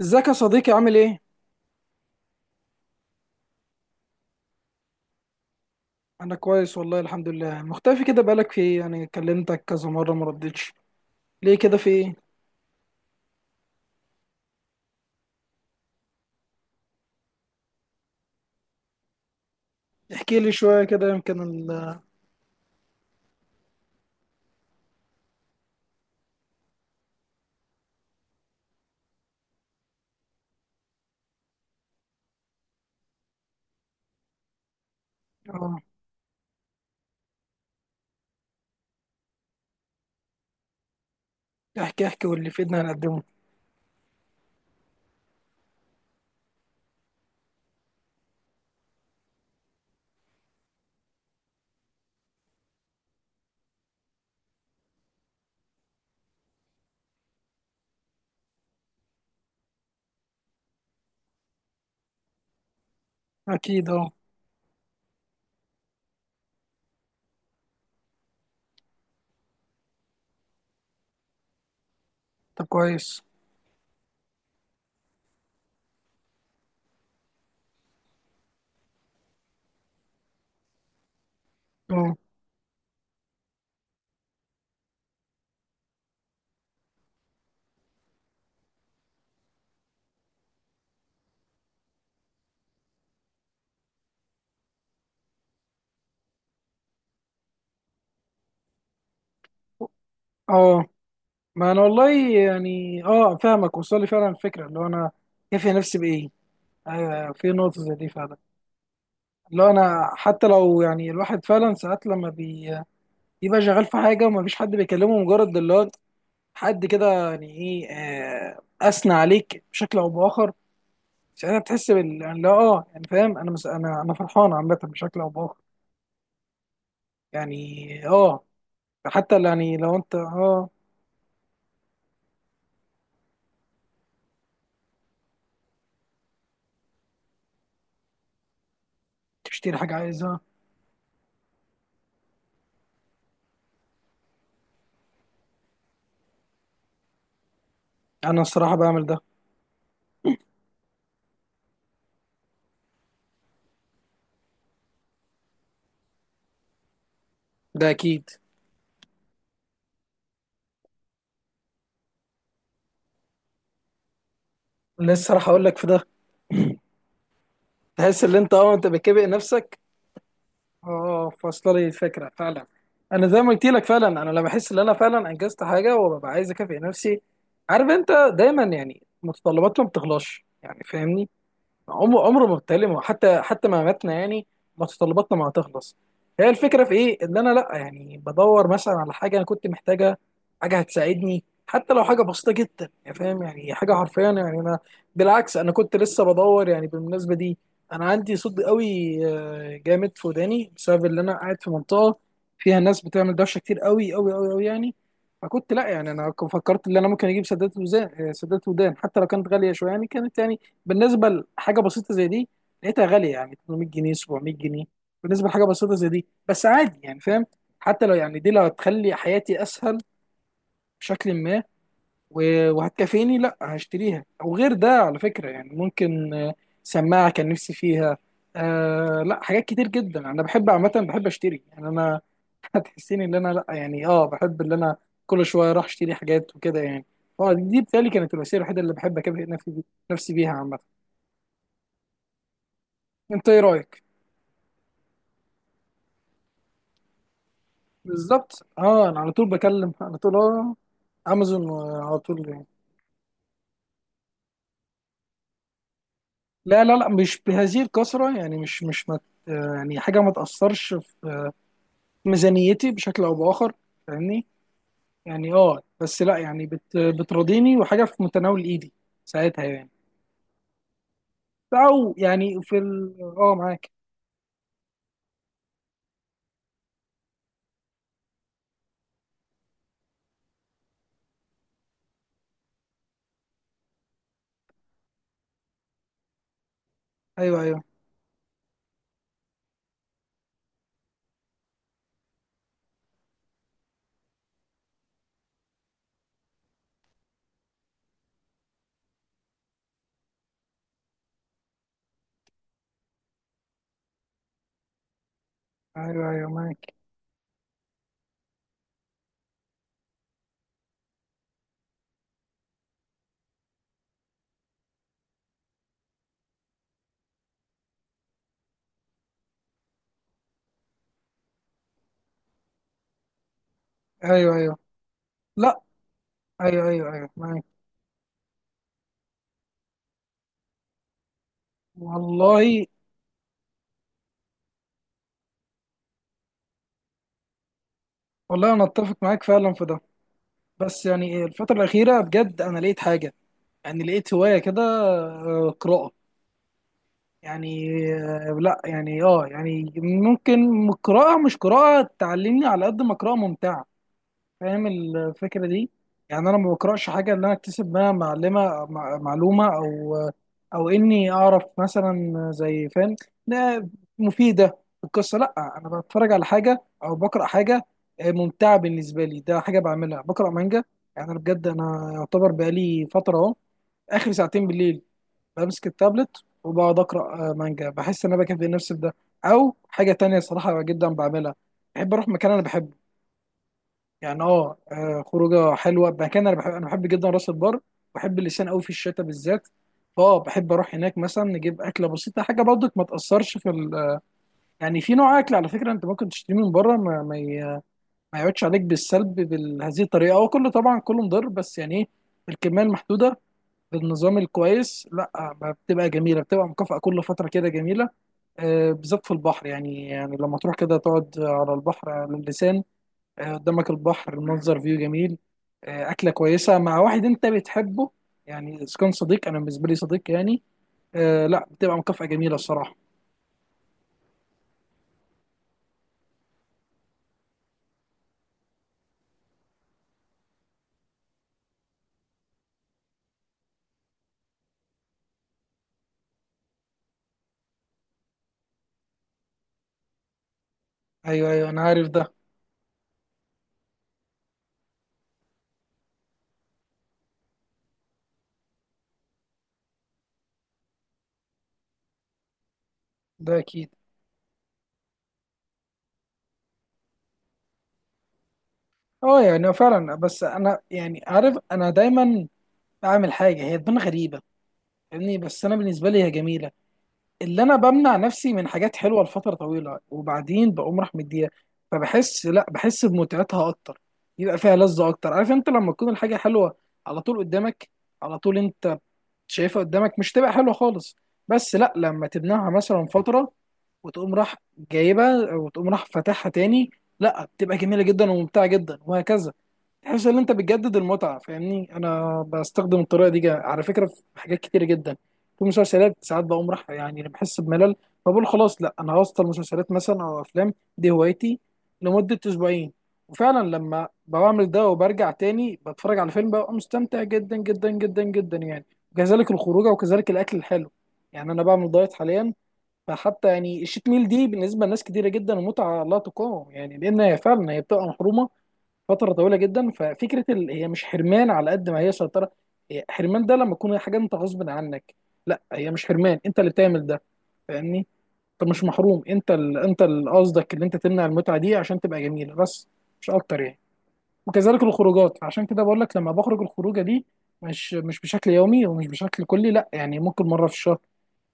ازيك يا صديقي، عامل ايه؟ انا كويس والله، الحمد لله. مختفي كده، بقالك في ايه؟ يعني كلمتك كذا مرة ما ردتش، ليه كده؟ في ايه؟ احكي لي شوية كده، يمكن ال اه احكي احكي، واللي في ايدنا هنقدمه. اكيد، اه. طب كويس. اه، اه. ما انا والله، يعني اه، فاهمك. وصل لي فعلا الفكرة، اللي هو انا كافي نفسي بايه؟ ايوه، في نقطة زي دي فعلا. اللي هو انا حتى لو يعني الواحد فعلا، ساعات لما بيبقى شغال في حاجة ومفيش حد بيكلمه، مجرد اللي هو حد كده، يعني ايه، اثنى عليك بشكل او باخر. ساعتها بتحس بال، يعني لا، اه يعني فاهم، انا انا فرحان عامه بشكل او باخر، يعني اه. حتى يعني لو انت تشتري حاجه عايزها. انا الصراحه بعمل ده. ده اكيد. لسه راح اقول لك في ده. تحس ان انت، انت بتكافئ نفسك. فاصله لي الفكره فعلا. انا زي ما قلت لك، فعلا انا لما بحس ان انا فعلا انجزت حاجه، وببقى عايز اكافئ نفسي. عارف انت، دايما يعني متطلباتنا ما بتخلصش، يعني فاهمني، عمره ما بتكلمه، حتى ما ماتنا يعني، متطلباتنا ما هتخلص. هي الفكره في ايه، ان انا لا يعني بدور مثلا على حاجه انا كنت محتاجه، حاجه هتساعدني، حتى لو حاجه بسيطه جدا، يعني فاهم، يعني حاجه حرفيا يعني، انا بالعكس انا كنت لسه بدور. يعني بالمناسبه دي، انا عندي صدى قوي جامد في وداني، بسبب ان انا قاعد في منطقه فيها ناس بتعمل دوشه كتير، قوي قوي قوي قوي يعني. فكنت لا، يعني انا فكرت ان انا ممكن اجيب سدادات وزان آه، سدادات ودان، حتى لو كانت غاليه شويه، يعني كانت، يعني بالنسبه لحاجه بسيطه زي دي، لقيتها غاليه، يعني 800 جنيه، 700 جنيه، بالنسبه لحاجه بسيطه زي دي. بس عادي يعني فاهم؟ حتى لو يعني دي لو هتخلي حياتي اسهل بشكل ما، وهتكفيني، لا هشتريها. او غير ده على فكره، يعني ممكن سماعه كان نفسي فيها. آه لا، حاجات كتير جدا انا بحب، عامه بحب اشتري، يعني انا هتحسيني ان انا لا، يعني اه، بحب ان انا كل شويه اروح اشتري حاجات وكده يعني. اه دي بتهيألي كانت الوسيله الوحيده اللي بحب اكافئ نفسي، نفسي بيها عامه. انت ايه رايك؟ بالظبط اه، انا على طول بكلم على طول، اه امازون على طول يعني. لا لا لا، مش بهذه الكثره، يعني مش مش مت يعني حاجه ما تاثرش في ميزانيتي بشكل او باخر، فاهمني. يعني اه، بس لا يعني بتراضيني، وحاجه في متناول ايدي ساعتها يعني، او يعني في ال اه معاك. ايوه ايوه ايوه ايوه معاك. ايوه ايوه. لا، ايوه ايوه ايوه معاك والله. والله انا اتفق معاك فعلا في ده. بس يعني الفتره الاخيره، بجد انا لقيت حاجه، يعني لقيت هواية كده، قراءة. يعني لا يعني اه يعني، ممكن قراءة، مش قراءة تعلمني على قد ما قراءة ممتعة. فاهم الفكرة دي؟ يعني انا ما بقراش حاجة اللي انا اكتسب منها معلومة، او اني اعرف مثلا، زي فاهم. لا مفيدة، القصة لا. انا بتفرج على حاجة او بقرأ حاجة ممتعة بالنسبة لي. ده حاجة بعملها، بقرأ مانجا. يعني انا بجد انا يعتبر بقالي فترة، اهو اخر ساعتين بالليل بمسك التابلت، وبقعد اقرا مانجا. بحس ان انا بكفي نفسي بده. او حاجه تانية صراحه جدا بعملها، بحب اروح مكان انا بحبه. يعني خروجه حلوه. مكان انا بحب جدا راس البر. بحب اللسان قوي في الشتاء بالذات. بحب اروح هناك، مثلا نجيب اكله بسيطه، حاجه برضك ما تاثرش في يعني في نوع اكل على فكره، انت ممكن تشتريه من بره، ما يقعدش عليك بالسلب بهذه الطريقه. هو كله طبعا كله مضر، بس يعني ايه؟ الكميه المحدوده، بالنظام الكويس، لا ما بتبقى جميله، بتبقى مكافاه كل فتره كده جميله، بالذات في البحر. يعني لما تروح كده تقعد على البحر، على اللسان، قدامك البحر، منظر فيو جميل، اكله كويسه مع واحد انت بتحبه. يعني اذا كان صديق، انا بالنسبه لي صديق، يعني لا بتبقى مكافاه جميله الصراحه. ايوه ايوه، انا عارف ده. ده اكيد. اه يعني فعلا، بس انا يعني عارف، انا دايما بعمل حاجه هي تبان غريبه، فاهمني؟ بس انا بالنسبه لي هي جميله. اللي انا بمنع نفسي من حاجات حلوه لفتره طويله، وبعدين بقوم راح مديها، فبحس لا، بحس بمتعتها اكتر، يبقى فيها لذه اكتر. عارف انت، لما تكون الحاجه حلوه على طول قدامك، على طول انت شايفها قدامك، مش تبقى حلوه خالص. بس لا، لما تبنعها مثلا فتره وتقوم راح جايبها، وتقوم راح فاتحها تاني، لا بتبقى جميله جدا وممتعه جدا وهكذا، تحس ان انت بتجدد المتعه. فاهمني؟ انا بستخدم الطريقه دي على فكره في حاجات كتير جدا. في مسلسلات ساعات بقوم راح، يعني بحس بملل، فبقول خلاص لا، انا هوصل مسلسلات مثلا او افلام، دي هوايتي، لمده اسبوعين. وفعلا لما بعمل ده وبرجع تاني، بتفرج على فيلم ببقى مستمتع جدا جدا جدا جدا يعني. وكذلك الخروجه، وكذلك الاكل الحلو. يعني انا بعمل دايت حاليا، فحتى يعني الشيت ميل دي بالنسبه لناس كتيره جدا، متعه لا تقاوم، يعني لان هي فعلا هي بتبقى محرومه فتره طويله جدا. ففكره هي مش حرمان، على قد ما هي سيطره. هي حرمان ده لما تكون حاجه انت غصب عنك، لا هي مش حرمان، انت اللي بتعمل ده، فاهمني؟ انت مش محروم، انت انت اللي قصدك، اللي انت تمنع المتعه دي عشان تبقى جميله بس، مش اكتر يعني. وكذلك الخروجات، عشان كده بقول لك، لما بخرج الخروجه دي، مش بشكل يومي، ومش بشكل كلي، لا يعني ممكن مره في الشهر،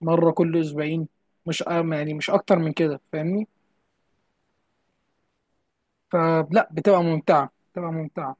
مرة كل أسبوعين، مش يعني مش أكتر من كده، فاهمني؟ فلا، بتبقى ممتعة، بتبقى ممتعة.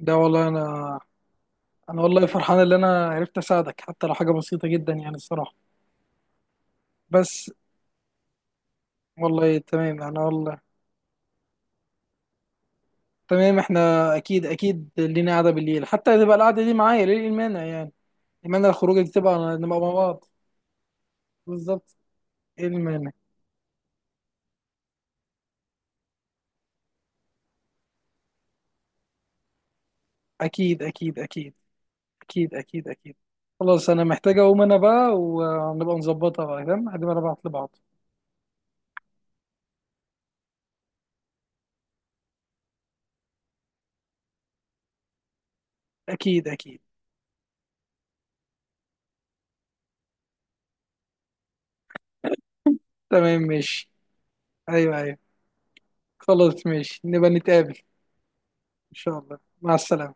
ده والله أنا، أنا والله فرحان إن أنا عرفت أساعدك، حتى لو حاجة بسيطة جدا، يعني الصراحة. بس والله تمام، أنا والله تمام. إحنا أكيد أكيد لينا قعدة بالليل، حتى تبقى القعدة دي معايا، ليه المانع يعني؟ المانع الخروج دي، تبقى نبقى مع بعض. بالظبط، إيه المانع؟ أكيد أكيد أكيد، أكيد أكيد أكيد. خلاص، أنا محتاج أقوم أنا بقى، ونبقى نظبطها بقى، فاهم؟ هنبقى نبعت لبعض. اكيد اكيد. تمام ماشي. ايوه ايوه. خلاص ماشي، نبقى نتقابل. ان شاء الله مع السلامة.